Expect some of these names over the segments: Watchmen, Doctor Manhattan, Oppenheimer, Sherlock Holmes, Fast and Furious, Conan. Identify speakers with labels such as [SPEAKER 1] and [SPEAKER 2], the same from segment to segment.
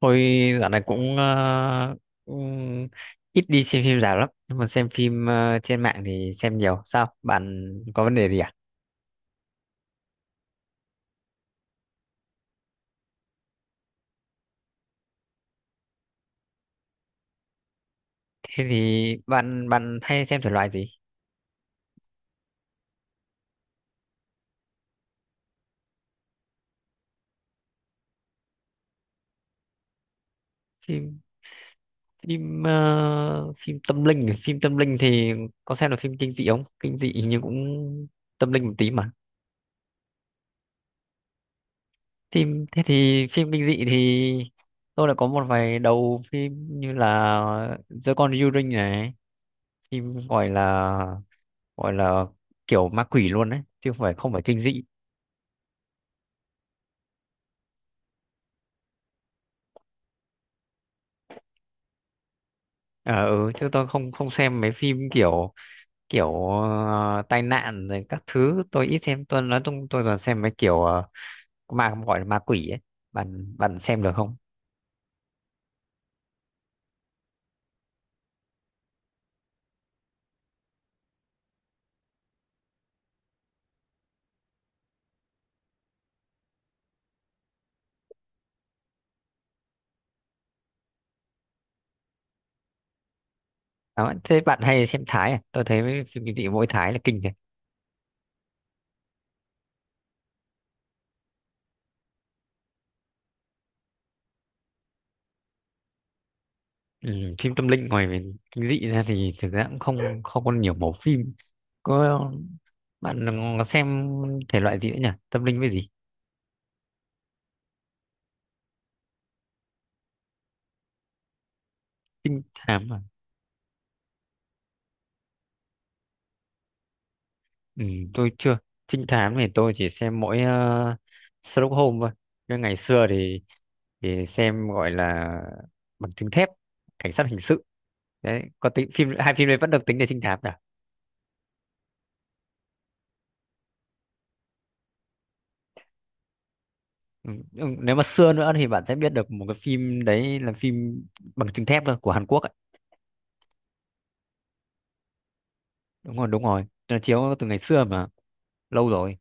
[SPEAKER 1] Tôi dạo này cũng ít đi xem phim rạp lắm, nhưng mà xem phim trên mạng thì xem nhiều. Sao bạn có vấn đề gì à? Thế thì bạn bạn hay xem thể loại gì? Phim phim ờ, Phim tâm linh, phim tâm linh thì có xem được. Phim kinh dị không kinh dị nhưng cũng tâm linh một tí mà. Thế thì phim kinh dị thì tôi đã có một vài đầu phim như là giữa con yêu đương này, phim gọi là kiểu ma quỷ luôn đấy, chứ không phải kinh dị. Ờ ừ, chứ tôi không không xem mấy phim kiểu kiểu ờ, tai nạn rồi các thứ, tôi ít xem. Tôi nói chung tôi toàn xem mấy kiểu ma, gọi là ma quỷ ấy. Bạn bạn xem được không? À, thế bạn hay xem Thái à? Tôi thấy mấy phim kinh dị mỗi Thái là kinh này. Ừ, phim tâm linh ngoài về kinh dị ra thì thực ra cũng không không có nhiều mẫu phim. Có, bạn xem thể loại gì nữa nhỉ, tâm linh với gì? Trinh thám à? Ừ, tôi chưa. Trinh thám thì tôi chỉ xem mỗi Sherlock Holmes thôi. Nhưng ngày xưa thì xem gọi là bằng chứng thép, cảnh sát hình sự đấy, có tính phim. Hai phim đấy vẫn được tính là trinh thám cả. Ừ. Ừ, nếu mà xưa nữa thì bạn sẽ biết được một cái phim đấy là phim bằng chứng thép thôi, của Hàn Quốc ấy. Đúng rồi đúng rồi, nó chiếu từ ngày xưa mà, lâu rồi.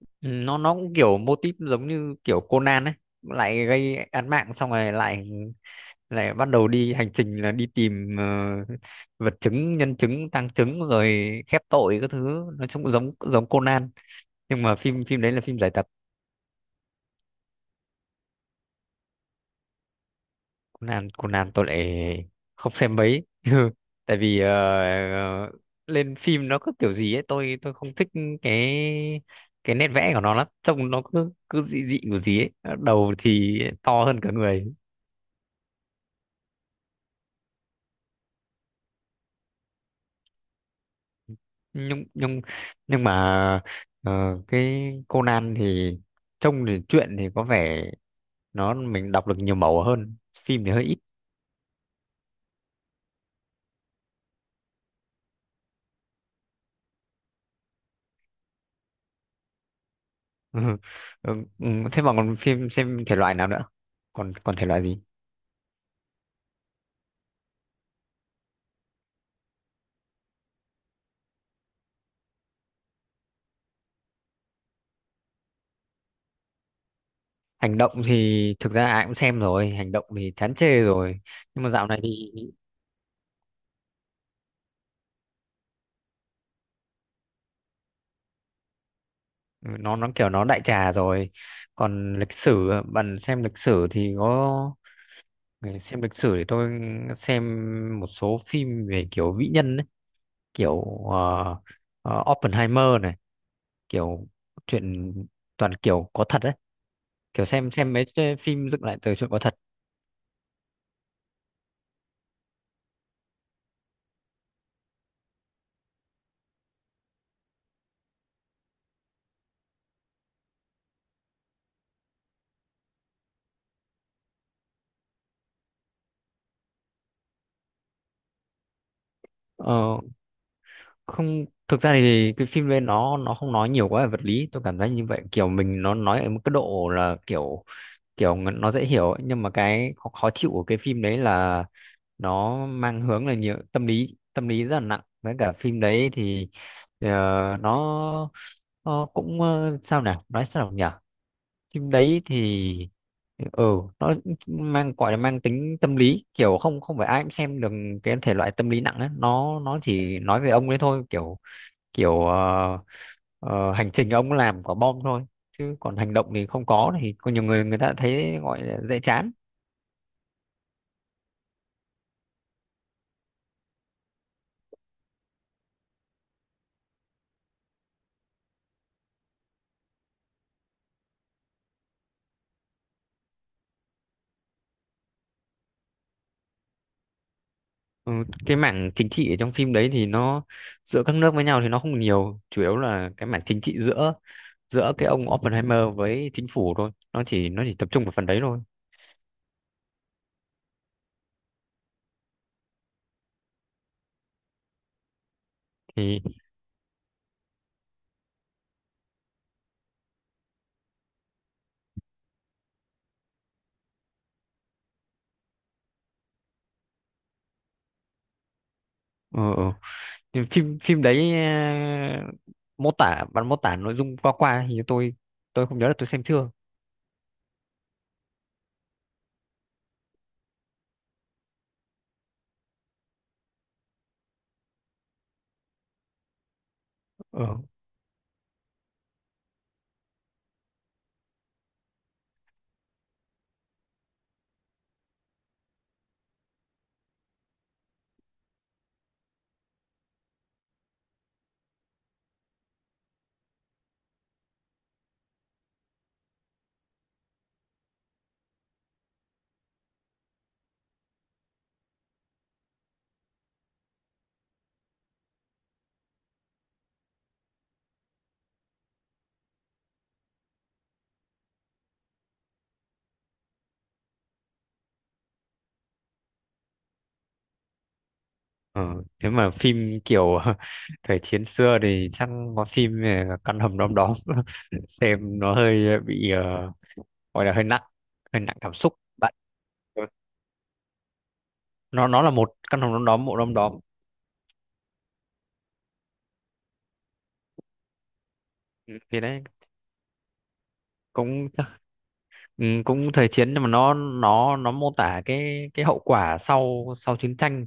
[SPEAKER 1] Ừ, nó cũng kiểu mô típ giống như kiểu Conan ấy, lại gây án mạng xong rồi lại lại bắt đầu đi hành trình là đi tìm vật chứng, nhân chứng, tang chứng, rồi khép tội các thứ. Nói chung cũng giống giống Conan, nhưng mà phim phim đấy là phim giải tập. Conan Conan tôi lại không xem mấy, tại vì ờ, lên phim nó cứ kiểu gì ấy, tôi không thích cái cái nét vẽ của nó lắm, trông nó cứ cứ dị dị của gì ấy, đầu thì to hơn cả người. nhưng nhưng nhưng mà ờ, cái Conan thì trông thì truyện thì có vẻ nó mình đọc được nhiều màu hơn, phim thì hơi ít. Ừ. Ừ. Ừ, thế mà còn phim xem thể loại nào nữa, còn còn thể loại gì? Hành động thì thực ra ai cũng xem rồi, hành động thì chán chê rồi. Nhưng mà dạo này thì ừ, nó kiểu nó đại trà rồi. Còn lịch sử, bạn xem lịch sử thì có. Xem lịch sử thì tôi xem một số phim về kiểu vĩ nhân, kiểu ờ, Oppenheimer này, kiểu chuyện toàn kiểu có thật đấy, kiểu xem mấy cái phim dựng lại từ chuyện có thật. Ờ, không, thực ra thì cái phim lên nó không nói nhiều quá về vật lý, tôi cảm thấy như vậy, kiểu mình nó nói ở một cái độ là kiểu kiểu nó dễ hiểu ấy. Nhưng mà cái khó, khó chịu của cái phim đấy là nó mang hướng là nhiều tâm lý, tâm lý rất là nặng. Với cả phim đấy thì ờ, nó nó cũng sao nào nói sao nhỉ, phim đấy thì ừ nó mang, gọi là mang tính tâm lý, kiểu không không phải ai cũng xem được cái thể loại tâm lý nặng ấy. Nó chỉ nói về ông ấy thôi, kiểu kiểu ờ, ờ, hành trình ông làm quả bom thôi, chứ còn hành động thì không có. Thì có nhiều người, người ta thấy gọi là dễ chán. Ừ, cái mảng chính trị ở trong phim đấy thì nó giữa các nước với nhau thì nó không nhiều, chủ yếu là cái mảng chính trị giữa giữa cái ông Oppenheimer với chính phủ thôi. Nó chỉ tập trung vào phần đấy thôi. Thì ừ, ừ. Thì phim phim đấy à, mô tả bạn mô tả nội dung qua qua thì tôi không nhớ là tôi xem chưa. ờ ờ Thế mà phim kiểu thời chiến xưa thì chắc có phim à, căn hầm đom đóm. Xem nó hơi bị gọi là hơi nặng, hơi nặng cảm xúc bạn. Nó là một căn hầm đom đóm, bộ đom đóm. Ừ, thì đấy cũng. Ừ, cũng thời chiến, nhưng mà nó mô tả cái hậu quả sau sau chiến tranh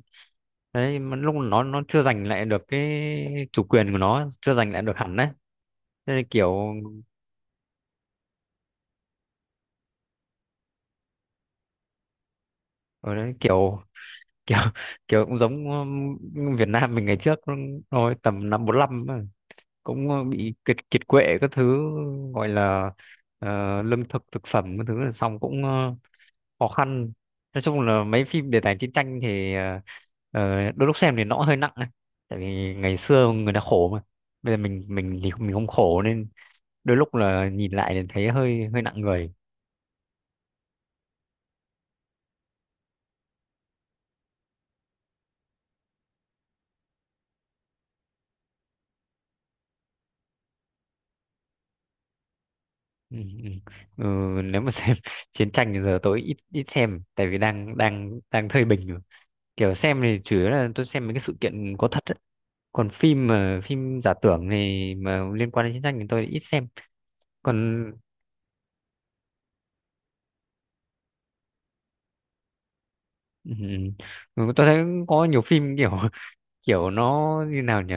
[SPEAKER 1] đấy, mà lúc nó chưa giành lại được cái chủ quyền của nó, chưa giành lại được hẳn đấy. Thế nên kiểu ở đấy kiểu kiểu kiểu cũng giống Việt Nam mình ngày trước thôi, tầm năm 45 ấy, cũng ờ, bị kiệt kiệt quệ các thứ, gọi là lương thực thực phẩm các thứ, là xong cũng khó khăn. Nói chung là mấy phim đề tài chiến tranh thì đôi lúc xem thì nó cũng hơi nặng ấy. Tại vì ngày xưa người ta khổ mà bây giờ mình thì mình không khổ, nên đôi lúc là nhìn lại thì thấy hơi hơi nặng người. Ừ, ừ. Ừ, nếu mà xem chiến tranh thì giờ tôi ít ít xem tại vì đang đang đang thời bình rồi. Kiểu xem thì chủ yếu là tôi xem mấy cái sự kiện có thật ấy. Còn phim mà phim giả tưởng thì mà liên quan đến chiến tranh thì tôi ít xem. Còn ừ, ừ. Ừ, tôi thấy có nhiều phim kiểu kiểu nó như nào nhỉ,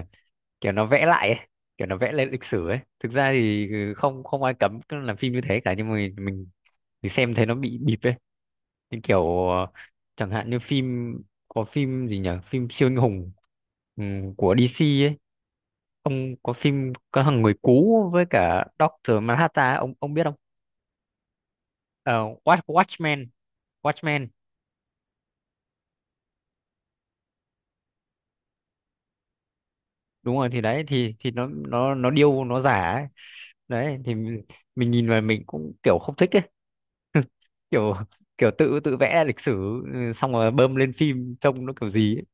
[SPEAKER 1] kiểu nó vẽ lại ấy. Kiểu nó vẽ lên lịch sử ấy, thực ra thì ừ, không không ai cấm cứ làm phim như thế cả, nhưng mà mình thì xem thấy nó bị bịp ấy. Như kiểu chẳng hạn như phim, có phim gì nhỉ, phim siêu anh hùng của DC ấy, ông có phim có thằng người cú với cả Doctor Manhattan ấy, ông biết không? Ờ, Watchmen. Watchmen, đúng rồi. Thì đấy thì nó điêu, nó giả ấy. Đấy thì mình nhìn vào mình cũng kiểu không thích ấy. Kiểu kiểu tự tự vẽ lịch sử, ừ, xong rồi bơm lên phim trông nó kiểu gì ấy.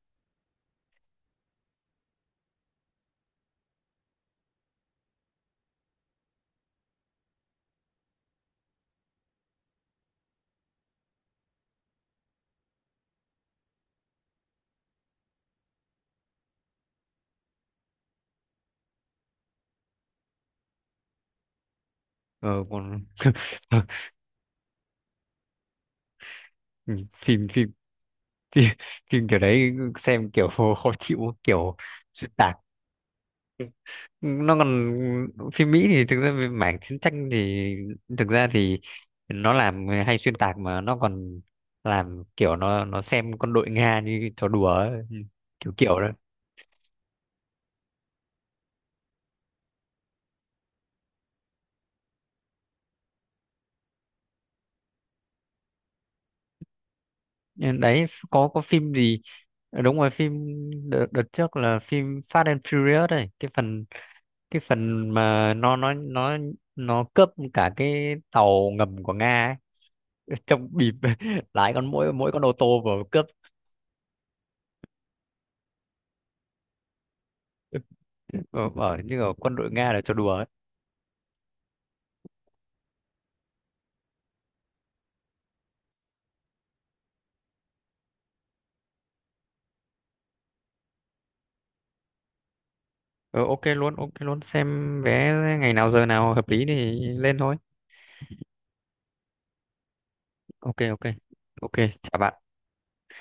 [SPEAKER 1] Ờ còn ừ, phim phim kiểu đấy xem kiểu khó chịu, kiểu xuyên tạc. Nó còn phim Mỹ thì thực ra về mảng chiến tranh thì thực ra thì nó làm hay xuyên tạc, mà nó còn làm kiểu nó xem con đội Nga như trò đùa ấy. Kiểu kiểu đó. Ờ, đấy có phim gì. Ờ, đúng rồi, phim đợt trước là phim Fast and Furious này, cái phần mà nó nó cướp cả cái tàu ngầm của Nga ấy. Trong bịp lái con, mỗi mỗi con ô tô vừa cướp. Ở, ở như ở quân đội Nga là cho đùa ấy. Ờ, ok luôn, ok luôn, xem vé ngày nào giờ nào hợp lý thì lên thôi. Ok ok. Ok, chào bạn.